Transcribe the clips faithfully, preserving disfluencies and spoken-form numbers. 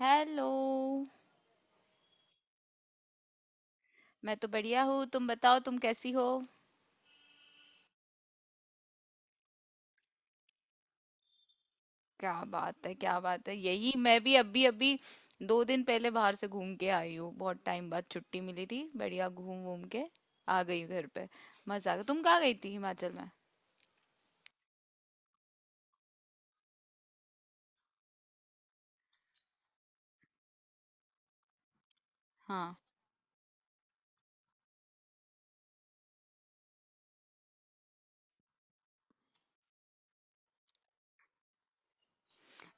Hello. मैं तो बढ़िया हूँ, तुम बताओ तुम कैसी हो? क्या बात है, क्या बात है, यही मैं भी अभी अभी दो दिन पहले बाहर से घूम के आई हूँ। बहुत टाइम बाद छुट्टी मिली थी, बढ़िया घूम घूम के आ गई हूँ घर पे। मजा आ गया। तुम कहाँ गई थी हिमाचल में? हाँ।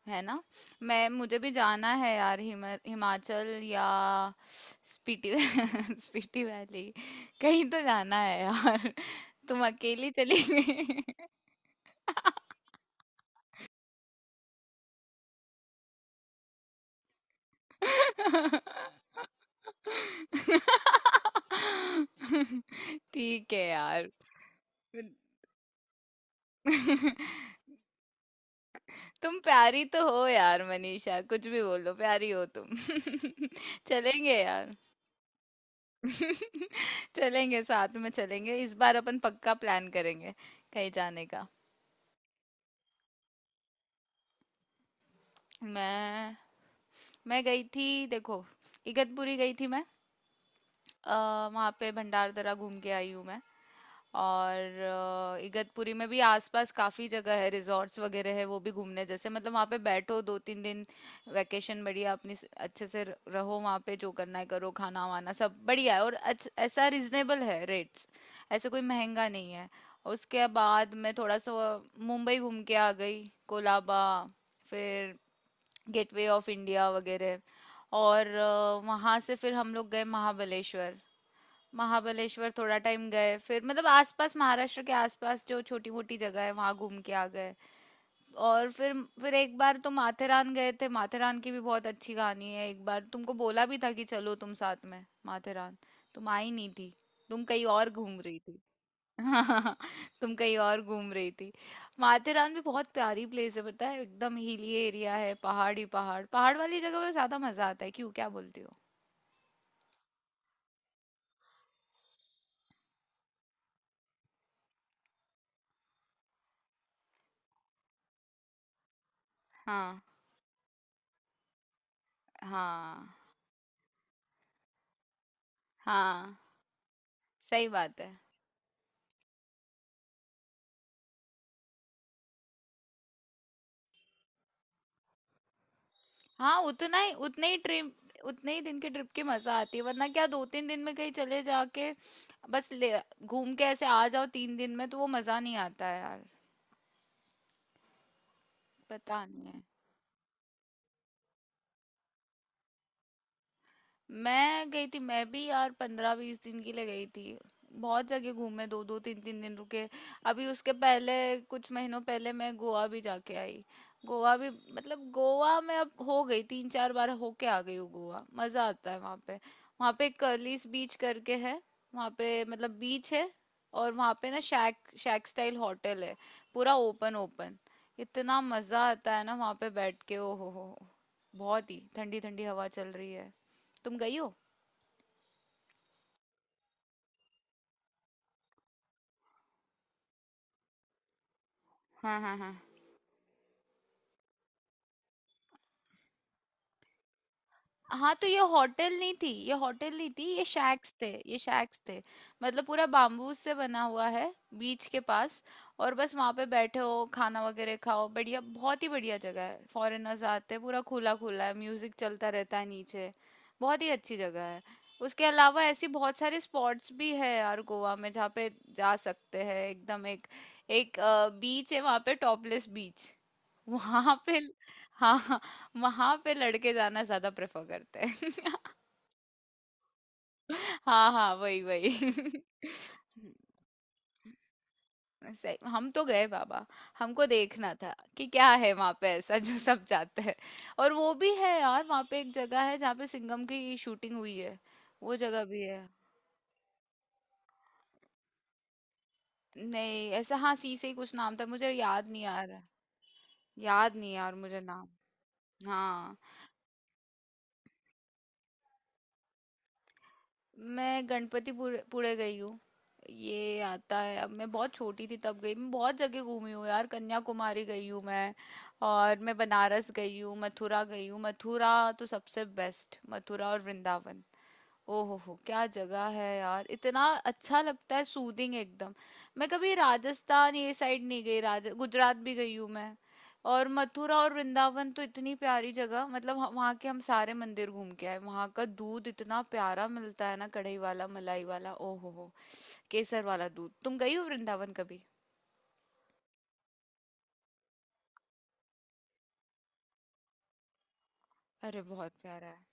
है ना। मैं मुझे भी जाना है यार, हिमा, हिमाचल या स्पीति। स्पीति वैली। कहीं तो जाना है यार। तुम अकेली चली गई? ठीक है यार। तुम प्यारी तो हो यार मनीषा, कुछ भी बोलो, प्यारी हो तुम। चलेंगे यार। चलेंगे, साथ में चलेंगे, इस बार अपन पक्का प्लान करेंगे कहीं जाने का। मैं मैं गई थी देखो। इगतपुरी गई थी मैं। अ, वहाँ पे भंडार दरा घूम के आई हूँ मैं। और अ, इगतपुरी में भी आसपास काफी जगह है, रिजॉर्ट्स वगैरह है, वो भी घूमने जैसे, मतलब वहाँ पे बैठो दो तीन दिन वैकेशन, बढ़िया अपनी स- अच्छे से र- रहो वहाँ पे, जो करना है करो, खाना वाना सब बढ़िया है और अच्छ, ऐसा रिजनेबल है रेट्स। ऐसे कोई महंगा नहीं है। उसके बाद मैं थोड़ा सा मुंबई घूम के आ गई, कोलाबा, फिर गेटवे ऑफ इंडिया वगैरह। और अ, वहाँ से फिर हम लोग गए महाबलेश्वर। महाबलेश्वर थोड़ा टाइम गए, फिर मतलब आसपास महाराष्ट्र के आसपास जो छोटी मोटी जगह है वहां घूम के आ गए। और फिर फिर एक बार तो माथेरान गए थे। माथेरान की भी बहुत अच्छी कहानी है, एक बार तुमको बोला भी था कि चलो तुम साथ में माथेरान। तुम आई नहीं थी, तुम कहीं और घूम रही थी। तुम कहीं और घूम रही थी। माथेरान भी बहुत प्यारी प्लेस है, पता है, एकदम हिली एरिया है, पहाड़ ही पहाड़, पहाड़ वाली जगह पे ज्यादा मजा आता है, क्यों, क्या बोलती हो? हाँ, हाँ, हाँ। सही बात है। हाँ, उतना ही, उतने ही ट्रिप, उतने ही दिन के ट्रिप की मजा आती है, वरना क्या दो तीन दिन में कहीं चले जाके, बस ले, घूम के ऐसे आ जाओ तीन दिन में, तो वो मजा नहीं आता है यार। पता नहीं। मैं गई थी, मैं भी यार पंद्रह बीस दिन के लिए गई थी। बहुत जगह घूमे, दो दो तीन तीन दिन रुके। अभी उसके पहले, कुछ महीनों पहले मैं गोवा भी जाके आई, गोवा भी। मतलब गोवा में अब हो गई तीन चार बार होके आ गई हूँ। गोवा मजा आता है वहाँ पे। वहाँ पे कर्लिस बीच करके है, वहाँ पे मतलब बीच है, और वहाँ पे ना शैक शैक स्टाइल होटल है, पूरा ओपन ओपन। इतना मजा आता है ना वहाँ पे बैठ के, ओ हो हो बहुत ही ठंडी ठंडी हवा चल रही है। तुम गई हो? हाँ, हाँ, हाँ, हाँ तो ये होटल नहीं थी, ये होटल नहीं थी, ये शैक्स थे, ये शैक्स थे। मतलब पूरा बाम्बू से बना हुआ है, बीच के पास, और बस वहां पे बैठे हो, खाना वगैरह खाओ बढ़िया, बहुत ही बढ़िया जगह है, फॉरेनर्स आते हैं, पूरा खुला खुला है, म्यूजिक चलता रहता है नीचे। बहुत ही अच्छी जगह है। उसके अलावा ऐसी बहुत सारे स्पॉट्स भी है यार गोवा में जहाँ पे जा सकते हैं, एकदम एक, एक बीच है वहां पे, टॉपलेस बीच। वहां पे, हाँ, वहां पे लड़के जाना ज्यादा प्रेफर करते हैं। हाँ हाँ, वही वही। सही, हम तो गए बाबा, हमको देखना था कि क्या है वहां पे ऐसा जो सब जाते हैं। और वो भी है यार, वहां पे एक जगह है जहाँ पे सिंघम की शूटिंग हुई है, वो जगह भी है। नहीं ऐसा, हाँ, सी से ही कुछ नाम था, मुझे याद नहीं आ रहा। याद नहीं यार मुझे नाम। हाँ, मैं गणपतिपुर पुणे गई हूँ, ये आता है। अब मैं बहुत छोटी थी तब गई, मैं बहुत जगह घूमी हूँ यार। कन्याकुमारी गई हूँ मैं, और मैं बनारस गई हूँ, मथुरा गई हूँ, मथुरा तो सबसे बेस्ट, मथुरा और वृंदावन, ओहो हो, क्या जगह है यार, इतना अच्छा लगता है, सूदिंग एकदम। मैं कभी राजस्थान ये साइड नहीं गई, राज गुजरात भी गई हूँ मैं। और मथुरा और वृंदावन तो इतनी प्यारी जगह, मतलब ह- वहाँ के हम सारे मंदिर घूम के आए, वहाँ का दूध इतना प्यारा मिलता है ना, कढ़ाई वाला, मलाई वाला, ओहो हो, केसर वाला दूध। तुम गई हो वृंदावन कभी? अरे बहुत प्यारा है।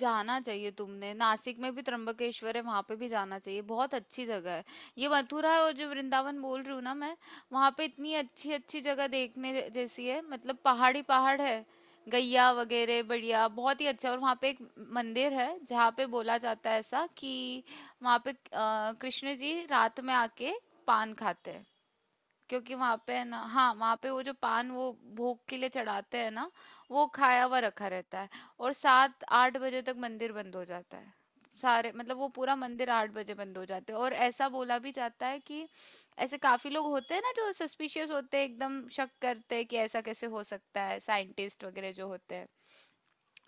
जाना चाहिए तुमने। नासिक में भी त्र्यंबकेश्वर है, वहां पे भी जाना चाहिए, बहुत अच्छी जगह है। ये मथुरा और जो वृंदावन बोल रही हूँ ना मैं, वहां पे इतनी अच्छी अच्छी जगह देखने ज- जैसी है, मतलब पहाड़ी पहाड़ है, गैया वगैरह, बढ़िया बहुत ही अच्छा। और वहां पे एक मंदिर है जहाँ पे बोला जाता है ऐसा कि वहां पे अ, कृष्ण जी रात में आके पान खाते हैं, क्योंकि वहां पे है ना, हाँ, वहां पे वो जो पान वो भोग के लिए चढ़ाते हैं ना, वो खाया हुआ रखा रहता है। और सात आठ बजे तक मंदिर बंद हो जाता है, सारे मतलब वो पूरा मंदिर आठ बजे बंद हो जाते हैं। और ऐसा बोला भी जाता है कि ऐसे काफी लोग होते हैं ना जो सस्पिशियस होते हैं, एकदम शक करते हैं कि ऐसा कैसे हो सकता है, साइंटिस्ट वगैरह जो होते हैं,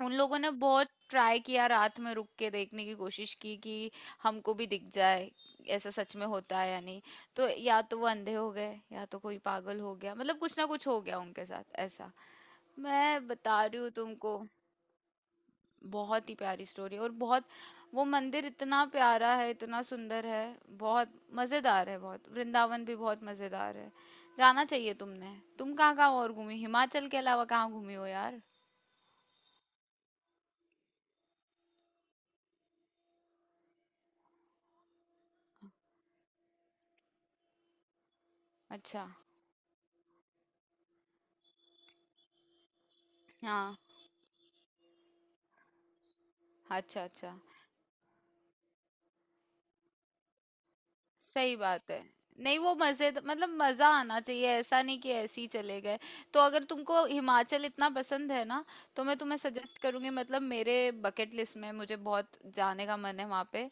उन लोगों ने बहुत ट्राई किया, रात में रुक के देखने की कोशिश की कि हमको भी दिख जाए ऐसा सच में होता है या नहीं। तो या तो वो अंधे हो गए, या तो कोई पागल हो गया, मतलब कुछ ना कुछ हो गया उनके साथ ऐसा, मैं बता रही हूँ तुमको। बहुत ही प्यारी स्टोरी, और बहुत, वो मंदिर इतना प्यारा है, इतना सुंदर है, बहुत मजेदार है, बहुत वृंदावन भी बहुत मजेदार है। जाना चाहिए तुमने। तुम कहाँ कहाँ और घूमी हिमाचल के अलावा, कहाँ घूमी हो यार? अच्छा। हाँ। अच्छा, अच्छा। सही बात है। नहीं, वो मजे मतलब मजा आना चाहिए, ऐसा नहीं कि ऐसे ही चले गए। तो अगर तुमको हिमाचल इतना पसंद है ना, तो मैं तुम्हें सजेस्ट करूंगी, मतलब मेरे बकेट लिस्ट में मुझे बहुत जाने का मन है वहां पे।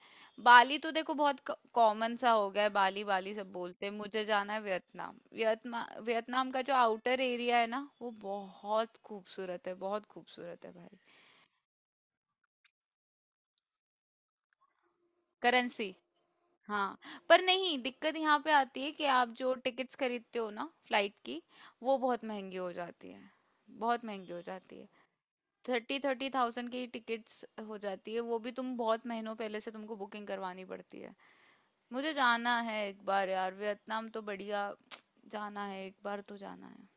बाली, तो देखो बहुत कॉमन सा हो गया है बाली, बाली सब बोलते हैं। मुझे जाना है वियतनाम, वियतनाम, वियतनाम का जो आउटर एरिया है ना वो बहुत खूबसूरत है, बहुत खूबसूरत है भाई। करेंसी, हाँ, पर नहीं, दिक्कत यहाँ पे आती है कि आप जो टिकट्स खरीदते हो ना फ्लाइट की, वो बहुत महंगी हो जाती है, बहुत महंगी हो जाती है। थर्टी थर्टी थाउजेंड की टिकट्स हो जाती है, वो भी तुम बहुत महीनों पहले से तुमको बुकिंग करवानी पड़ती है। मुझे जाना है एक बार यार वियतनाम, तो बढ़िया जाना है, एक बार तो जाना है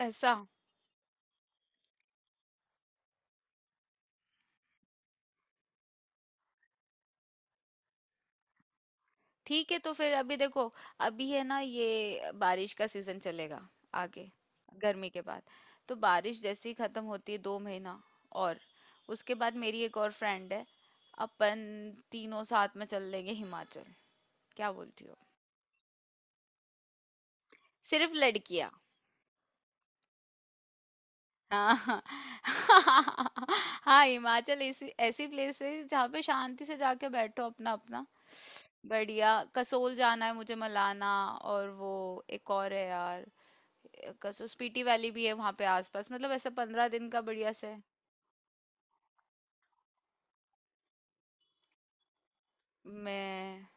ऐसा। ठीक है, तो फिर अभी देखो, अभी है ना, ये बारिश का सीजन चलेगा आगे गर्मी के बाद, तो बारिश जैसे ही खत्म होती है दो महीना, और उसके बाद, मेरी एक और फ्रेंड है, अपन तीनों साथ में चल लेंगे हिमाचल, क्या बोलती हो, सिर्फ लड़कियां। हाँ। हाँ हिमाचल ऐसी ऐसी प्लेस है जहाँ पे शांति से जाके बैठो अपना अपना, बढ़िया। कसोल जाना है मुझे, मलाना, और वो एक और है यार, कसौस्पीटी वैली भी है वहां पे आसपास, मतलब ऐसे पंद्रह दिन का बढ़िया से। मैं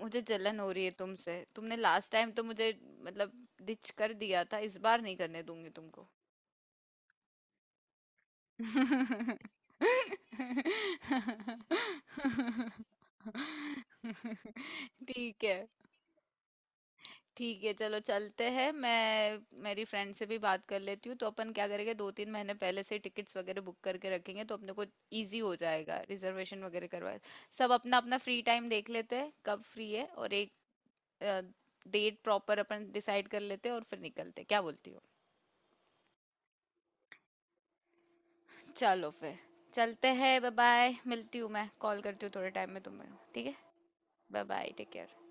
मुझे जलन हो रही है तुमसे, तुमने लास्ट टाइम तो मुझे मतलब डिच कर दिया था, इस बार नहीं करने दूंगी तुमको। ठीक है। ठीक है, चलो चलते हैं, मैं मेरी फ्रेंड से भी बात कर लेती हूँ, तो अपन क्या करेंगे, दो तीन महीने पहले से टिकट्स वगैरह बुक करके रखेंगे, तो अपने को इजी हो जाएगा रिजर्वेशन वगैरह करवा, सब अपना अपना फ्री टाइम देख लेते हैं कब फ्री है, और एक डेट प्रॉपर अपन डिसाइड कर लेते हैं और फिर निकलते हैं। क्या बोलती हो? चलो फिर, चलते हैं, बाय बाय, मिलती हूँ, मैं कॉल करती हूँ थोड़े टाइम में तुम्हें, ठीक है, बाय बाय, टेक केयर।